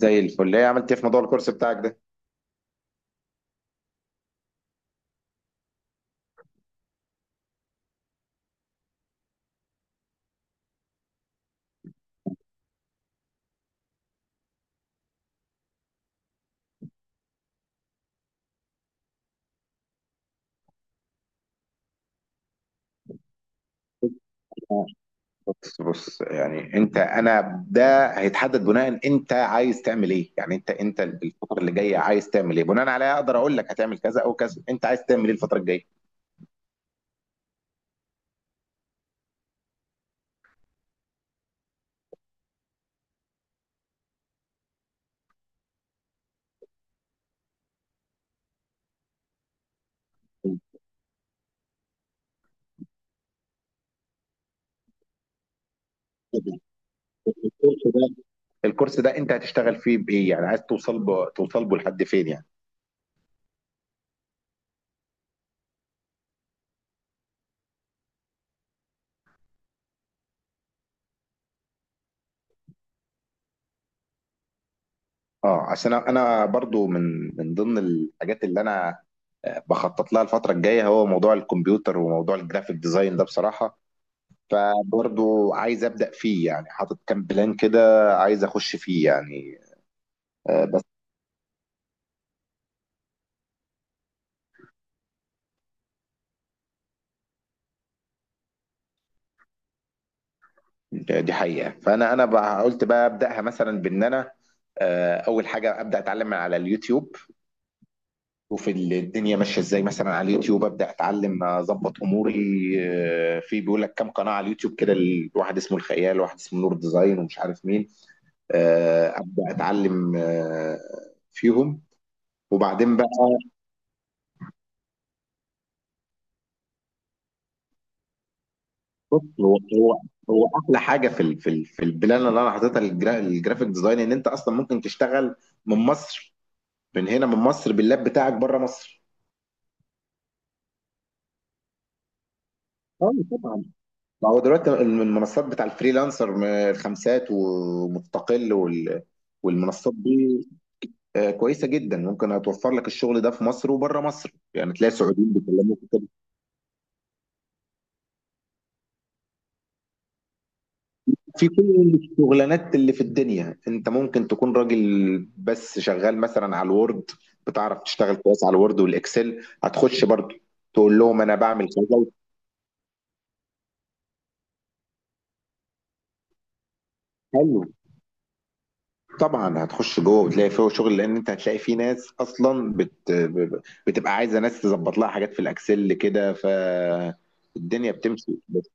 زي الفل، ايه عملت ايه في موضوع الكورس بتاعك ده؟ بص، يعني انا ده هيتحدد بناء، انت عايز تعمل ايه؟ يعني انت الفتره اللي جايه عايز تعمل ايه؟ بناء عليها اقدر اقول لك هتعمل كذا او كذا. انت عايز تعمل ايه الفتره الجايه؟ الكورس ده الكورس ده انت هتشتغل فيه بايه؟ يعني عايز توصل توصل به لحد فين يعني؟ اه، عشان انا برضو من ضمن الحاجات اللي انا بخطط لها الفترة الجاية هو موضوع الكمبيوتر وموضوع الجرافيك ديزاين ده بصراحة. فبرضو عايز ابدا فيه، يعني حاطط كام بلان كده، عايز اخش فيه يعني. بس دي حقيقه. فانا بقى قلت بقى ابداها، مثلا بان انا اول حاجه ابدا اتعلم من على اليوتيوب، وفي الدنيا ماشيه ازاي. مثلا على اليوتيوب ابدا اتعلم اظبط اموري. في بيقول لك كام قناه على اليوتيوب كده، واحد اسمه الخيال، واحد اسمه نور ديزاين، ومش عارف مين. ابدا اتعلم فيهم. وبعدين بقى، بص، هو احلى حاجه في في البلان اللي انا حاططها للجرافيك ديزاين، ان انت اصلا ممكن تشتغل من مصر، من هنا من مصر، باللاب بتاعك بره مصر. اه طبعا. ما هو دلوقتي المنصات بتاع الفريلانسر، الخمسات ومستقل وال، والمنصات دي كويسه جدا، ممكن هتوفر لك الشغل ده في مصر وبره مصر. يعني تلاقي سعوديين بيكلموك. في كل الشغلانات اللي في الدنيا، انت ممكن تكون راجل بس شغال مثلا على الوورد، بتعرف تشتغل كويس على الوورد والاكسل، هتخش برضو تقول لهم انا بعمل كذا. حلو، طبعا هتخش جوه وتلاقي فيه شغل، لان انت هتلاقي فيه ناس اصلا بتبقى عايزه ناس تظبط لها حاجات في الاكسل كده، ف الدنيا بتمشي بس.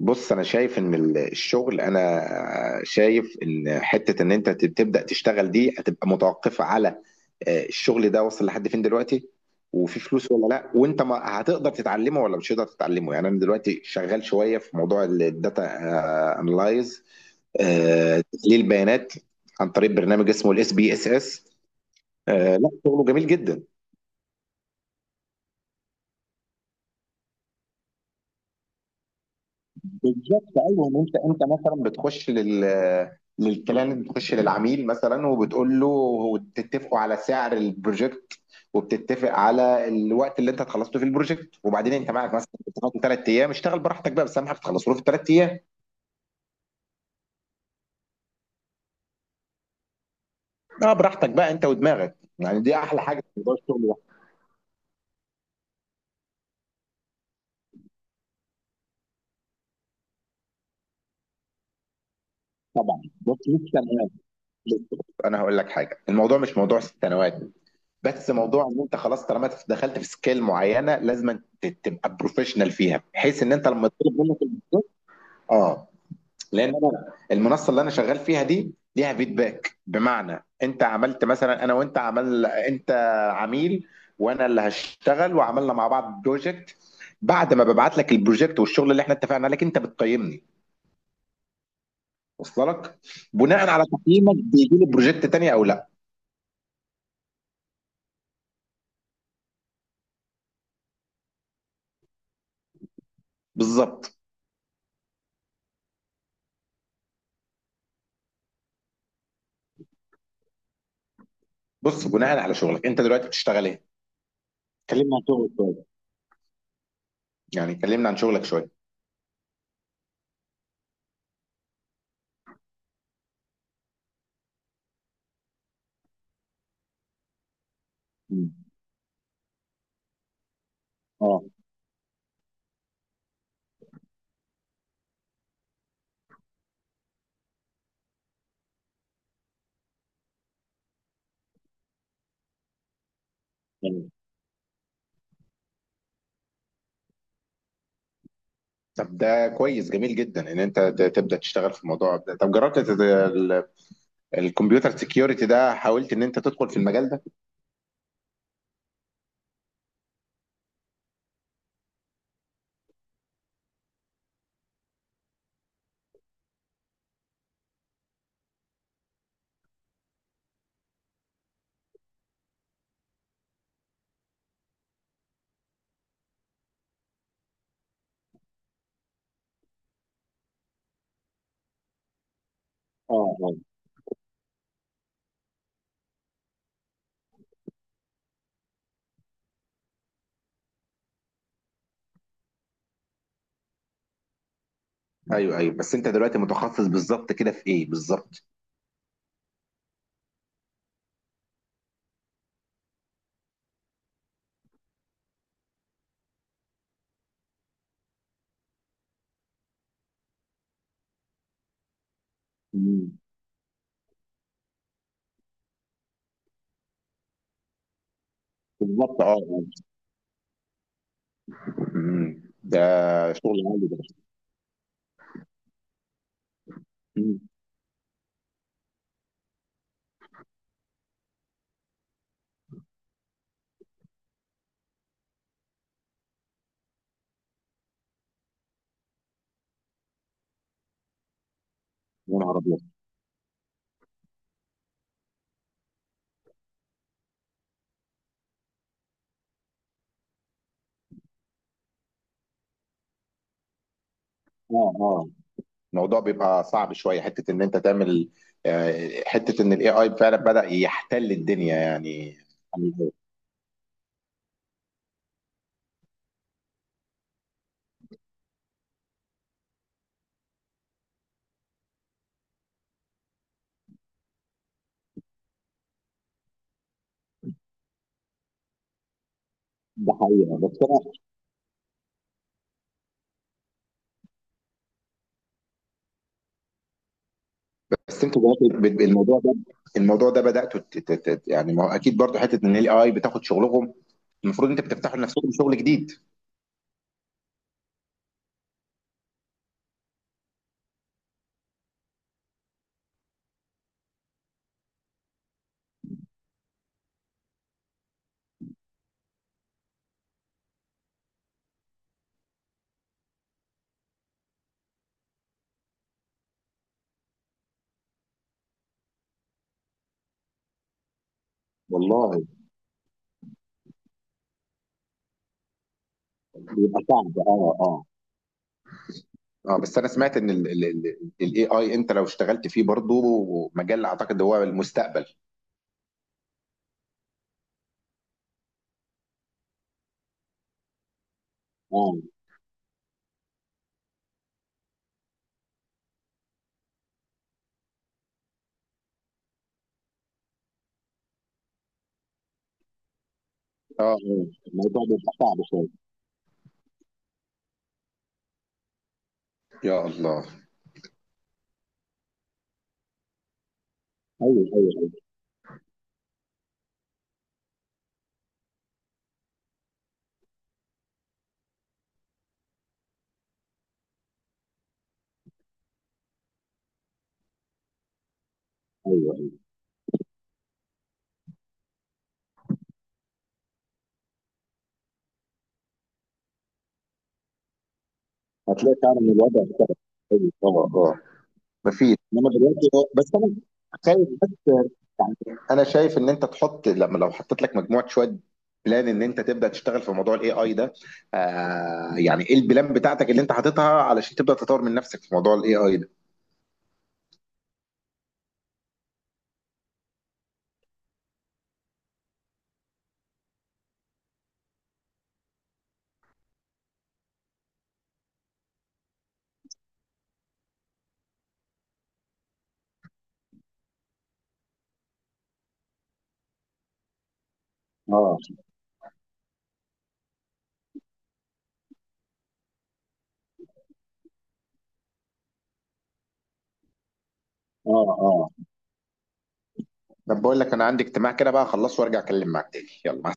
بص انا شايف ان الشغل، انا شايف ان حته ان انت تبدا تشتغل دي هتبقى متوقفه على الشغل ده وصل لحد فين دلوقتي، وفي فلوس ولا لا، وانت ما هتقدر تتعلمه ولا مش هتقدر تتعلمه. يعني انا دلوقتي شغال شويه في موضوع الداتا انلايز، تحليل بيانات، عن طريق برنامج اسمه الاس بي اس اس. لا شغله جميل جدا. بالظبط ايوه، ان انت مثلا بتخش لل، للكلاينت، بتخش للعميل مثلا وبتقول له وتتفقوا على سعر البروجكت، وبتتفق على الوقت اللي انت هتخلصه في البروجكت، وبعدين انت معاك مثلا بتاخد ثلاث ايام، اشتغل براحتك بقى، بس اهم حاجه تخلصه في ثلاث ايام. اه، براحتك بقى انت ودماغك. يعني دي احلى حاجه في موضوع الشغل ده. طبعا، بص مش سنوات. انا هقول لك حاجه، الموضوع مش موضوع سنوات، بس موضوع ان انت خلاص طالما دخلت في سكيل معينه لازم تبقى بروفيشنال فيها، بحيث ان انت لما تطلب منك الفيدباك. اه، لان انا المنصه اللي انا شغال فيها دي ليها فيدباك، بمعنى انت عملت مثلا، انا وانت، عمل انت عميل وانا اللي هشتغل، وعملنا مع بعض بروجكت. بعد ما ببعت لك البروجكت والشغل اللي احنا اتفقنا عليك، انت بتقيمني. وصل لك؟ بناء على تقييمك بيجي لي بروجكت تاني او لا. بالظبط. بص بناء على شغلك، انت دلوقتي بتشتغل ايه؟ كلمنا عن شغلك، يعني كلمنا عن شغلك شوية. مم. اه يعني. طب ده كويس جميل جدا ان انت تبدا تشتغل في الموضوع ده. طب جربت الكمبيوتر سيكيورتي ده؟ حاولت ان انت تدخل في المجال ده؟ اه اه. ايوه ايوه، بس انت دلوقتي متخصص بالظبط كده في ايه بالظبط؟ مم. بالظبط اه اه. مم. ده شغل عالي ده. مم. يا نهار ابيض. اه اه، الموضوع بيبقى صعب شويه حته ان انت تعمل حته ان الاي اي فعلا بدا يحتل الدنيا يعني. يعني ده حقيقة. بس بس، الموضوع ده، الموضوع ده بداتوا يعني ما هو اكيد برضه حته ان الاي اي بتاخد شغلهم. المفروض انت بتفتحوا لنفسكم شغل جديد. والله بيبقى صعب اه اه. اه بس انا سمعت ان الاي اي، انت لو اشتغلت فيه برضه مجال اعتقد هو المستقبل. اه اه اه. الموضوع بيبقى صعب شويه. يا الله. ايوه ايوه ايوه. ايوه ايوه، هتلاقي فعلا إن الوضع اختلف. ايوه اه اه. مفيش، انما دلوقتي بس انا خايف بس يعني. انا شايف ان انت تحط، لما لو حطيت لك مجموعه شويه بلان ان انت تبدا تشتغل في موضوع الاي اي ده. آه يعني ايه البلان بتاعتك اللي انت حاططها علشان تبدا تطور من نفسك في موضوع الاي اي ده؟ اه اه اه. طب بقول لك، انا عندي اجتماع كده بقى، اخلصه وارجع اكلم معاك تاني. يلا.